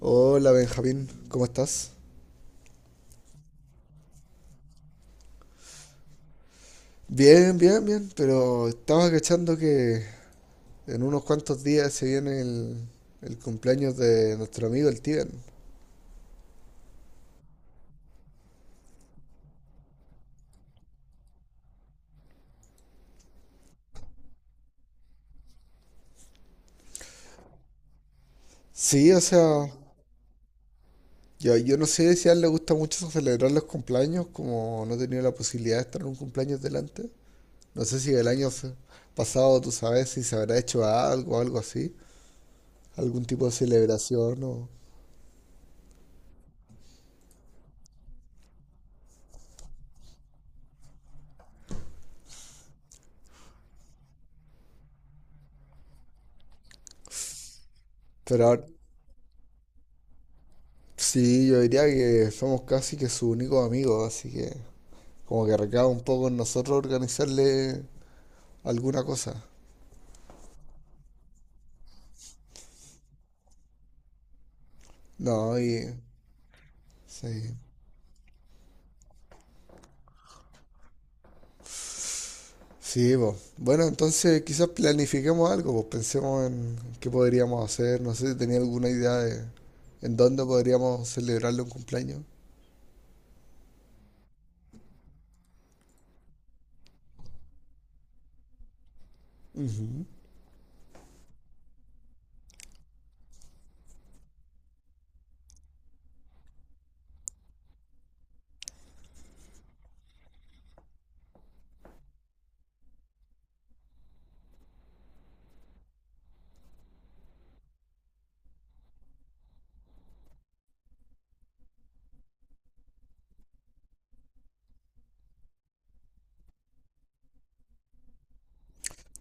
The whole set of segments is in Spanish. Hola Benjamín, ¿cómo estás? Bien, bien, bien, pero estaba cachando que en unos cuantos días se viene el cumpleaños de nuestro amigo el Tiben. Sí, o sea, yo no sé si a él le gusta mucho celebrar los cumpleaños, como no he tenido la posibilidad de estar en un cumpleaños delante. No sé si el pasado, tú sabes, si se habrá hecho algo, algo así, algún tipo de celebración o... Pero ahora, sí, yo diría que somos casi que su único amigo, así que... Como que recaba un poco en nosotros organizarle alguna cosa. No, y... Sí. Sí, pues. Bueno, entonces quizás planifiquemos algo, pues pensemos en qué podríamos hacer. No sé si tenía alguna idea de en dónde podríamos celebrarle un cumpleaños. Ujú.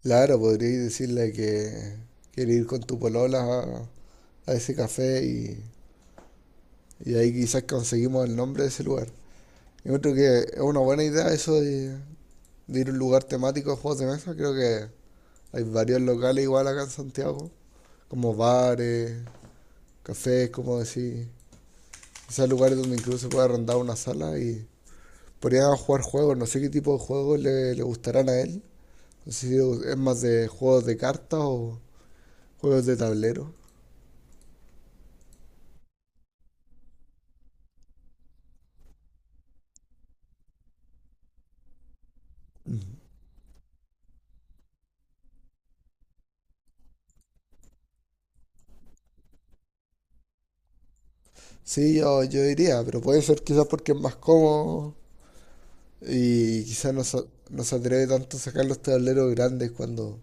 Claro, podríais decirle que quiere ir con tu polola a ese café y ahí quizás conseguimos el nombre de ese lugar. Yo creo que es una buena idea eso de ir a un lugar temático de juegos de mesa. Creo que hay varios locales igual acá en Santiago, como bares, cafés, como decir. Quizás lugares donde incluso se puede arrendar una sala y podrían jugar juegos. No sé qué tipo de juegos le, le gustarán a él. No sé si es más de juegos de cartas o juegos de tablero. Sí, yo diría, pero puede ser quizás porque es más cómodo y quizás no se atreve tanto a sacar los tableros grandes cuando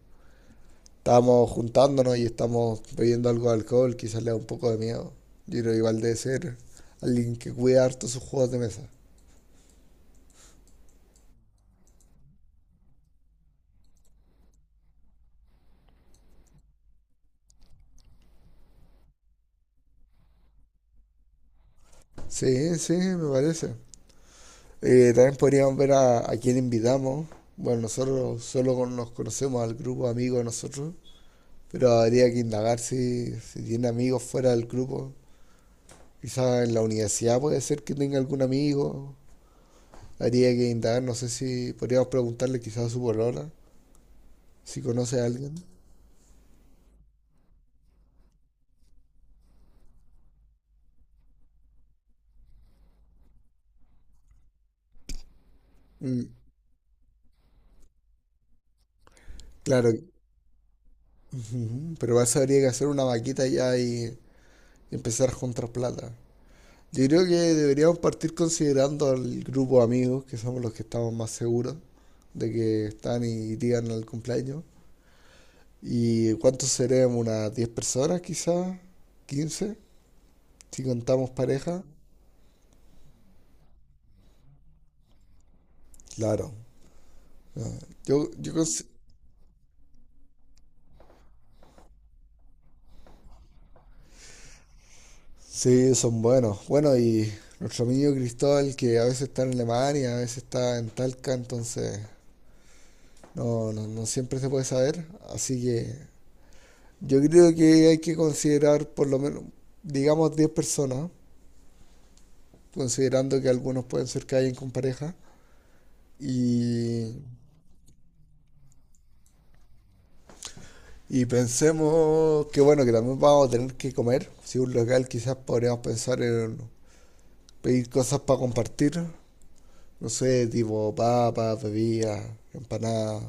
estábamos juntándonos y estamos bebiendo algo de alcohol, quizás le da un poco de miedo. Yo creo igual debe ser alguien que cuida harto sus juegos de mesa. Sí, sí, me parece. También podríamos ver a quién invitamos. Bueno, nosotros nos conocemos al grupo de amigos de nosotros, pero habría que indagar si, si tiene amigos fuera del grupo. Quizás en la universidad puede ser que tenga algún amigo. Habría que indagar, no sé si podríamos preguntarle quizás a su polola, si conoce a alguien. Mm, claro. Ujú. Pero vas a habría que hacer una vaquita ya y empezar a juntar plata. Yo creo que deberíamos partir considerando al grupo de amigos, que somos los que estamos más seguros de que están y llegan al cumpleaños. ¿Y cuántos seremos? ¿Unas 10 personas quizás? 15 si contamos pareja. Claro. Yo, yo consi- Sí, son buenos. Bueno, y nuestro amigo Cristóbal, que a veces está en Alemania, a veces está en Talca, entonces no siempre se puede saber. Así que yo creo que hay que considerar por lo menos, digamos, 10 personas, considerando que algunos pueden ser que hayan con pareja. Y, y pensemos que, bueno, que también vamos a tener que comer. Si un local quizás podríamos pensar en pedir cosas para compartir. No sé, tipo papas, bebidas, empanadas,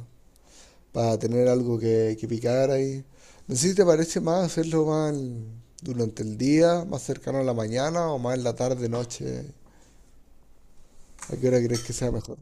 para tener algo que picar ahí. No sé si te parece más hacerlo más durante el día, más cercano a la mañana o más en la tarde, noche. ¿A qué hora crees que sea mejor?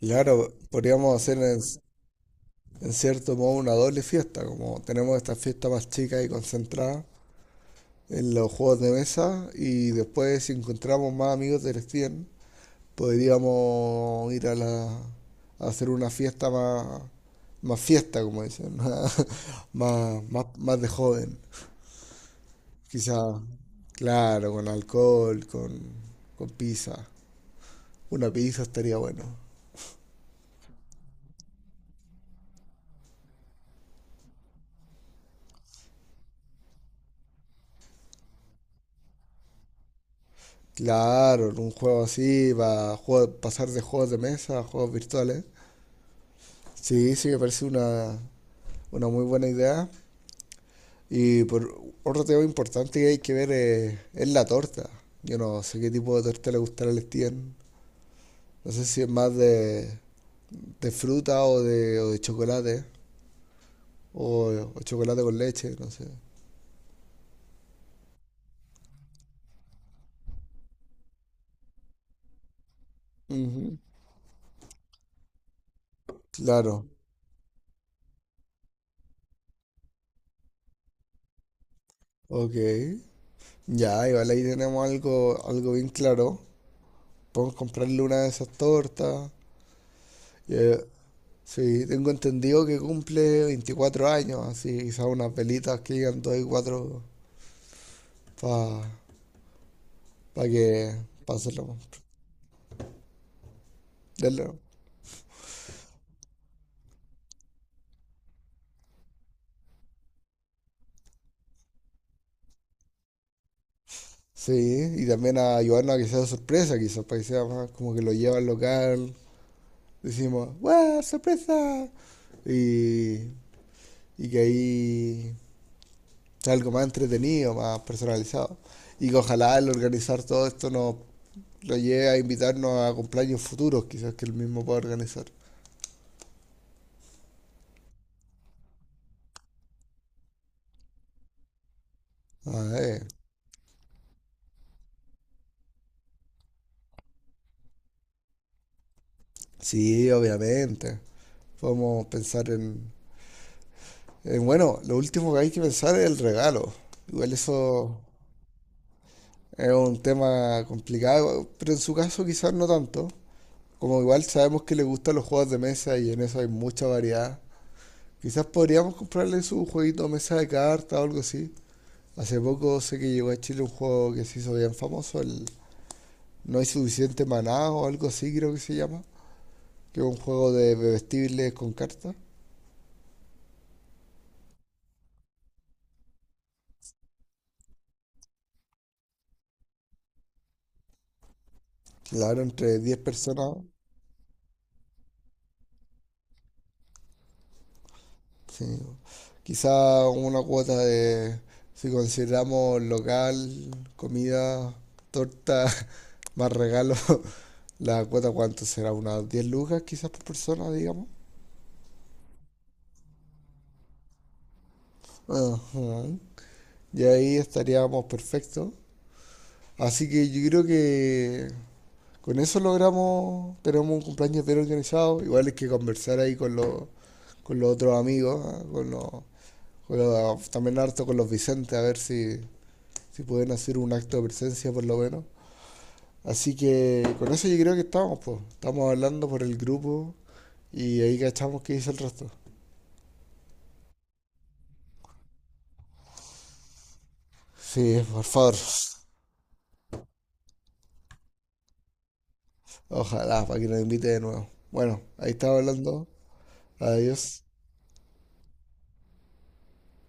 Y claro, podríamos hacer en cierto modo una doble fiesta, como tenemos esta fiesta más chica y concentrada en los juegos de mesa y después si encontramos más amigos del Steam, podríamos ir a hacer una fiesta más, más fiesta, como dicen, más de joven. Quizá, claro, con alcohol, con pizza. Una pizza estaría bueno. Claro, un juego así, para pasar de juegos de mesa a juegos virtuales. Sí, sí, me parece una muy buena idea. Y por otro tema importante que hay que ver es la torta. Yo no sé qué tipo de torta le gustará al Steven. No sé si es más de fruta o de chocolate. O, o chocolate con leche, no sé. Ujú. Claro, ok. Ya, igual ahí tenemos algo, algo bien claro. Podemos comprarle una de esas tortas. Eh, Sí, tengo entendido que cumple 24 años, así quizás unas velitas que digan 2 y 4 para que pásenlo, denle. Sí, y también a ayudarnos a que sea sorpresa, quizás, para que sea más como que lo lleva al local, decimos, ¡guau, sorpresa! Y, y que ahí sea algo más entretenido, más personalizado. Y que ojalá el organizar todo esto nos lo lleve a invitarnos a cumpleaños futuros, quizás que él mismo pueda organizar. Ah, eh. Sí, obviamente. Podemos pensar en, bueno, lo último que hay que pensar es el regalo. Igual eso es un tema complicado, pero en su caso quizás no tanto. Como igual sabemos que le gustan los juegos de mesa y en eso hay mucha variedad. Quizás podríamos comprarle su jueguito de mesa de cartas o algo así. Hace poco sé que llegó a Chile un juego que se hizo bien famoso, el No hay suficiente maná o algo así creo que se llama, que es un juego de bebestibles con cartas. Claro, entre 10 personas. Sí. Quizá una cuota de, si consideramos local, comida, torta, más regalo, la cuota cuánto será, unas 10 lucas quizás por persona, digamos. Ajá. Y ahí estaríamos perfectos. Así que yo creo que con eso logramos, tenemos un cumpleaños bien organizado. Igual es que conversar ahí con los otros amigos, ah, con los, también harto con los Vicentes, a ver si, si pueden hacer un acto de presencia por lo menos. Así que con eso yo creo que estamos, pues. Estamos hablando por el grupo y ahí cachamos qué dice el resto. Sí, por favor. Ojalá, para que nos invite de nuevo. Bueno, ahí estaba hablando. Adiós.